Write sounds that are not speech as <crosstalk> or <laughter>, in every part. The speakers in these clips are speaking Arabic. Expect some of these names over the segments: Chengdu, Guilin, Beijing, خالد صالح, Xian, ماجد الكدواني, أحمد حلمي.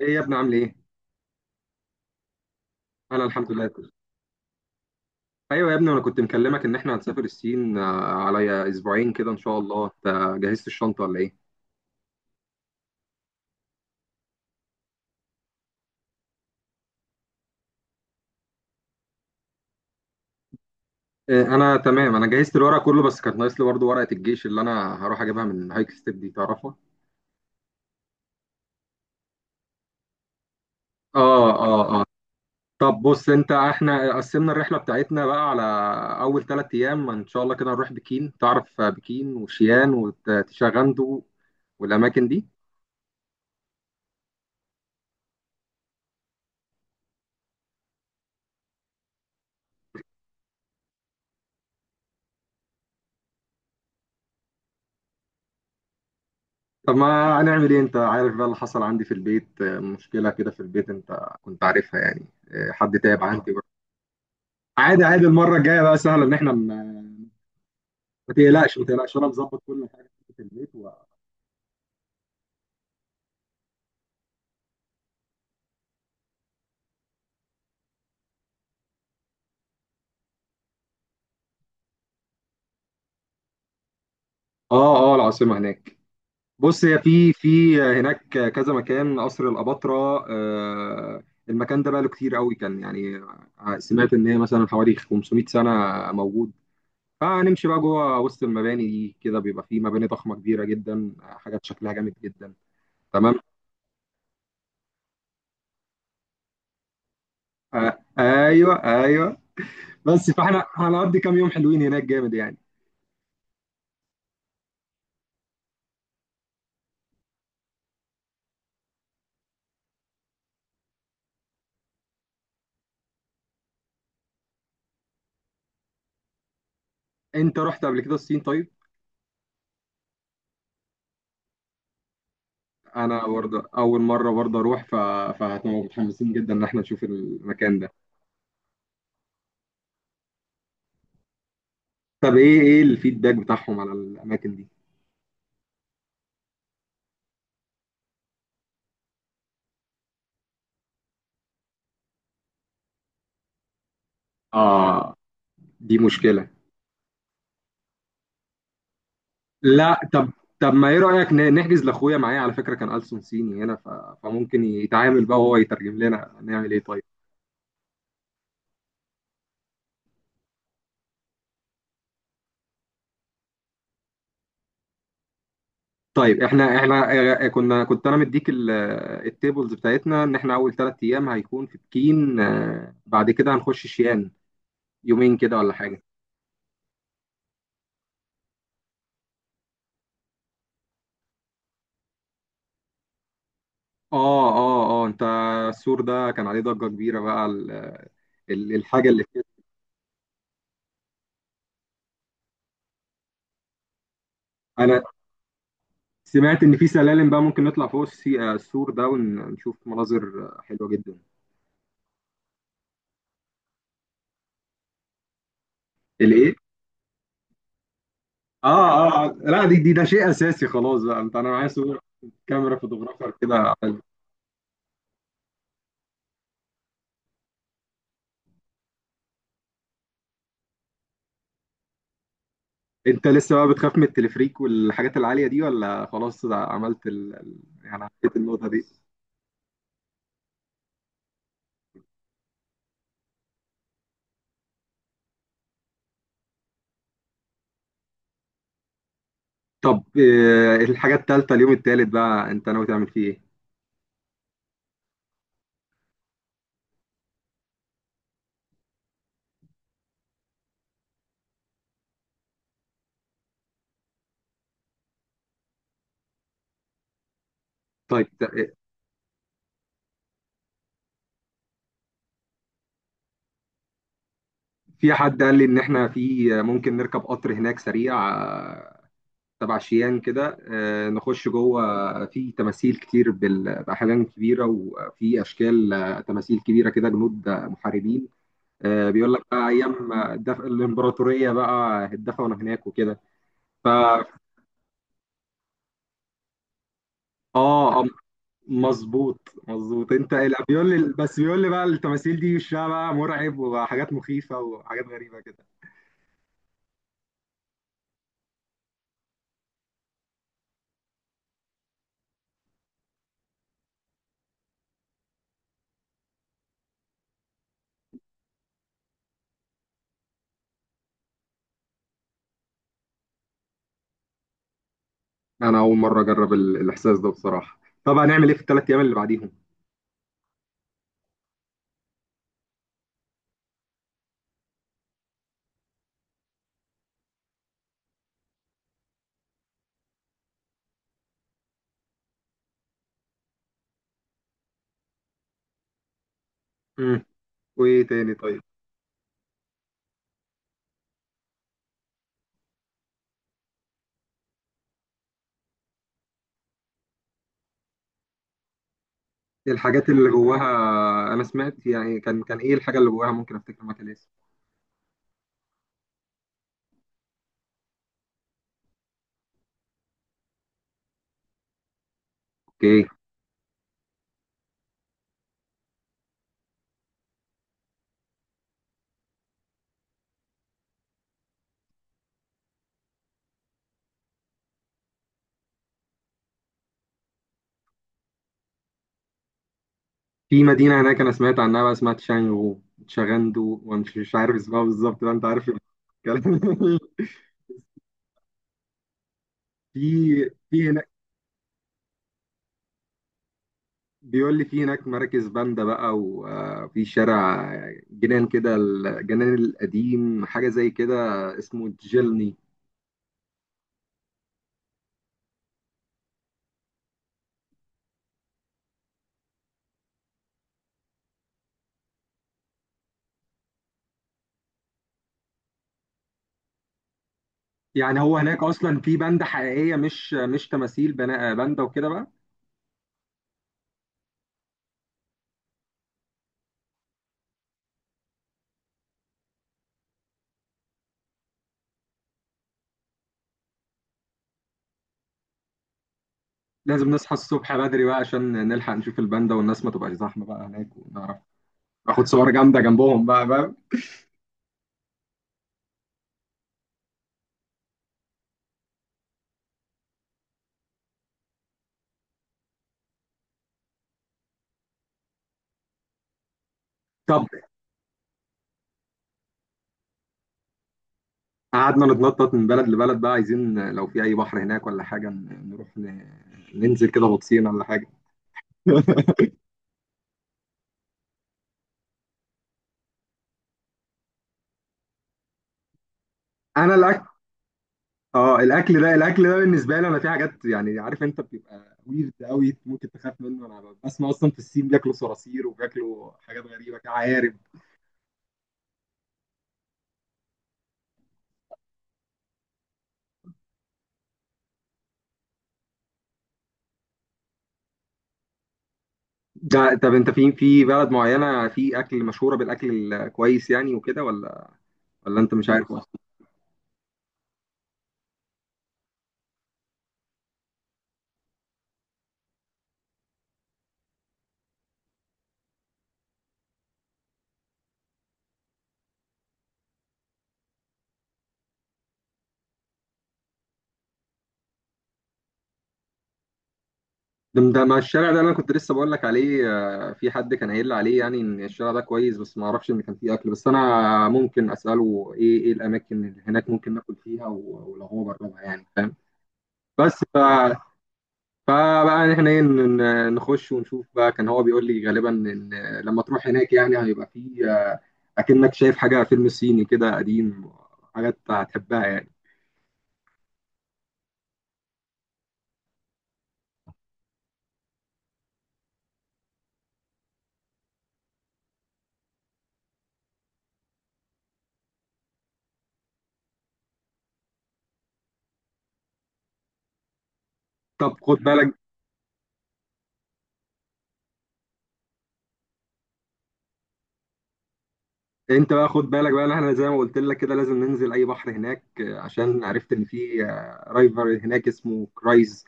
ايه يا ابني، عامل ايه؟ انا الحمد لله كله. ايوه يا ابني، انا كنت مكلمك ان احنا هنسافر الصين على اسبوعين كده ان شاء الله. انت جهزت الشنطه ولا ايه؟ انا تمام. انا جهزت الورق كله، بس كانت ناقص لي برضه ورقه الجيش اللي انا هروح اجيبها من هايك ستيب دي. تعرفها؟ اه، اه، اه. طب بص، انت احنا قسمنا الرحله بتاعتنا بقى على اول 3 ايام ان شاء الله. كده نروح بكين، تعرف بكين وشيان وتشاغندو والاماكن دي. طب ما هنعمل ايه، انت عارف بقى اللي حصل عندي في البيت، مشكلة كده في البيت انت كنت عارفها يعني. حد تعب عندي بقى. عادي عادي، المرة الجاية بقى سهلة ان احنا ما... ما تقلقش ما تقلقش، انا مظبط كل حاجة في البيت و... اه، اه، العاصمة هناك. بص، هي في هناك كذا مكان، قصر الأباطرة. المكان ده بقى له كتير قوي كان يعني. سمعت ان هي مثلا حوالي 500 سنة موجود. فهنمشي بقى جوه وسط المباني دي، كده بيبقى في مباني ضخمة كبيرة جدا، حاجات شكلها جامد جدا. تمام. ايوه، ايوه. بس فاحنا هنقضي كام يوم حلوين هناك جامد يعني. انت رحت قبل كده الصين طيب؟ انا برضه اول مره برضه اروح. فهتبقى متحمسين جدا ان احنا نشوف المكان ده. طب، ايه الفيدباك بتاعهم على الاماكن دي؟ اه، دي مشكله. لا، طب. ما ايه رايك، نحجز لاخويا معايا؟ على فكره كان ألسن صيني هنا. فممكن يتعامل بقى وهو يترجم لنا. نعمل ايه طيب؟ طيب، احنا كنت انا مديك التيبلز بتاعتنا، ان احنا اول 3 ايام هيكون في بكين. بعد كده هنخش شيان يومين كده ولا حاجه. اه، اه، اه، انت... السور ده كان عليه ضجه كبيره بقى. الحاجه اللي فيه. انا سمعت ان في سلالم بقى ممكن نطلع فوق السور ده، ونشوف مناظر حلوه جدا. الايه؟ اه، اه، آه. لا، دي دي ده شيء اساسي خلاص بقى. انت انا معايا صور، كاميرا فوتوغرافر كده. انت لسه بقى بتخاف من التلفريك والحاجات العالية دي، ولا خلاص عملت يعني عديت النقطة دي؟ طب، الحاجة التالتة، اليوم التالت بقى انت ناوي تعمل فيه ايه؟ طيب. في حد قال لي ان احنا في ممكن نركب قطر هناك سريع، تبع شيان كده، نخش جوه. في تماثيل كتير بأحجام كبيرة، وفي أشكال، تماثيل كبيرة كده، جنود، محاربين. بيقول لك بقى أيام الإمبراطورية بقى اتدفنوا هناك وكده. ف اه، مظبوط مظبوط، انت. لا، بيقول لي، بس بيقول لي بقى التماثيل دي وشها بقى مرعب، وحاجات مخيفة وحاجات غريبة كده. انا اول مره اجرب الاحساس ده بصراحه. طب، هنعمل ايه في الثلاث ايام اللي بعديهم؟ مم. وايه تاني طيب؟ الحاجات اللي جواها؟ انا سمعت يعني، كان ايه الحاجه اللي جواها؟ ممكن افتكر مكان اسمه... اوكي. في مدينه هناك انا سمعت عنها بقى، اسمها تشانغو، تشاغندو، ومش مش عارف اسمها بالظبط بقى، انت عارف الكلام. <laughs> في هناك... بيقول لي في هناك مراكز باندا بقى، وفي شارع جنان كده، الجنان القديم، حاجة زي كده اسمه جيلني. يعني هو هناك أصلا في باندا حقيقية، مش تماثيل باندا وكده بقى؟ لازم نصحى الصبح بدري بقى عشان نلحق نشوف الباندا والناس ما تبقاش زحمة بقى هناك، ونعرف ناخد صور جامدة جنبهم بقى، فاهم؟ طب. قعدنا نتنطط من بلد لبلد بقى. عايزين، لو في أي بحر هناك ولا حاجة، نروح ننزل كده غطسين ولا حاجة. <laughs> انا اه الاكل ده بالنسبه لي، انا في حاجات يعني، عارف انت بتبقى ويرد قوي ممكن تخاف منه. انا بسمع اصلا في الصين بياكلوا صراصير وبياكلوا حاجات غريبه كده، عقارب. ده طب، انت في بلد معينه في اكل مشهوره بالاكل الكويس يعني وكده، ولا انت مش عارف اصلا؟ ده مع الشارع ده اللي انا كنت لسه بقول لك عليه، في حد كان قايل لي عليه، يعني ان الشارع ده كويس، بس ما اعرفش ان كان فيه اكل. بس انا ممكن اساله ايه الاماكن اللي هناك ممكن ناكل فيها، ولو هو جربها يعني فاهم؟ بس فبقى احنا ايه، نخش ونشوف بقى. كان هو بيقول لي غالبا ان لما تروح هناك يعني هيبقى فيه، اكنك شايف حاجه فيلم صيني كده قديم، حاجات هتحبها يعني. طب خد بالك، انت بقى خد بالك بقى، إن احنا زي ما قلت لك كده لازم ننزل اي بحر هناك، عشان عرفت ان في رايفر هناك اسمه كرايز.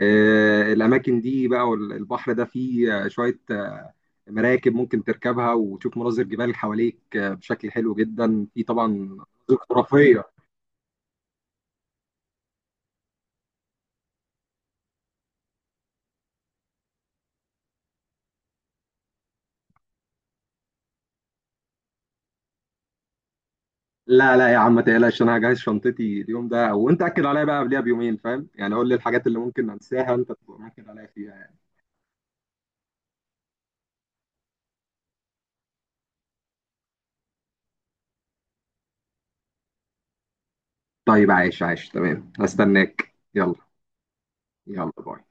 الاماكن دي بقى، والبحر ده فيه شويه مراكب ممكن تركبها، وتشوف مناظر جبال حواليك بشكل حلو جدا، في طبعا مناظر خرافيه. لا لا يا عم، ما تقلقش، انا هجهز شنطتي اليوم ده، وانت اكد عليا بقى قبلها بيومين، فاهم يعني؟ قول لي الحاجات اللي ممكن انساها، انت تبقى مأكد عليا فيها يعني. طيب، عايش عايش تمام، هستناك. يلا. يلا، باي.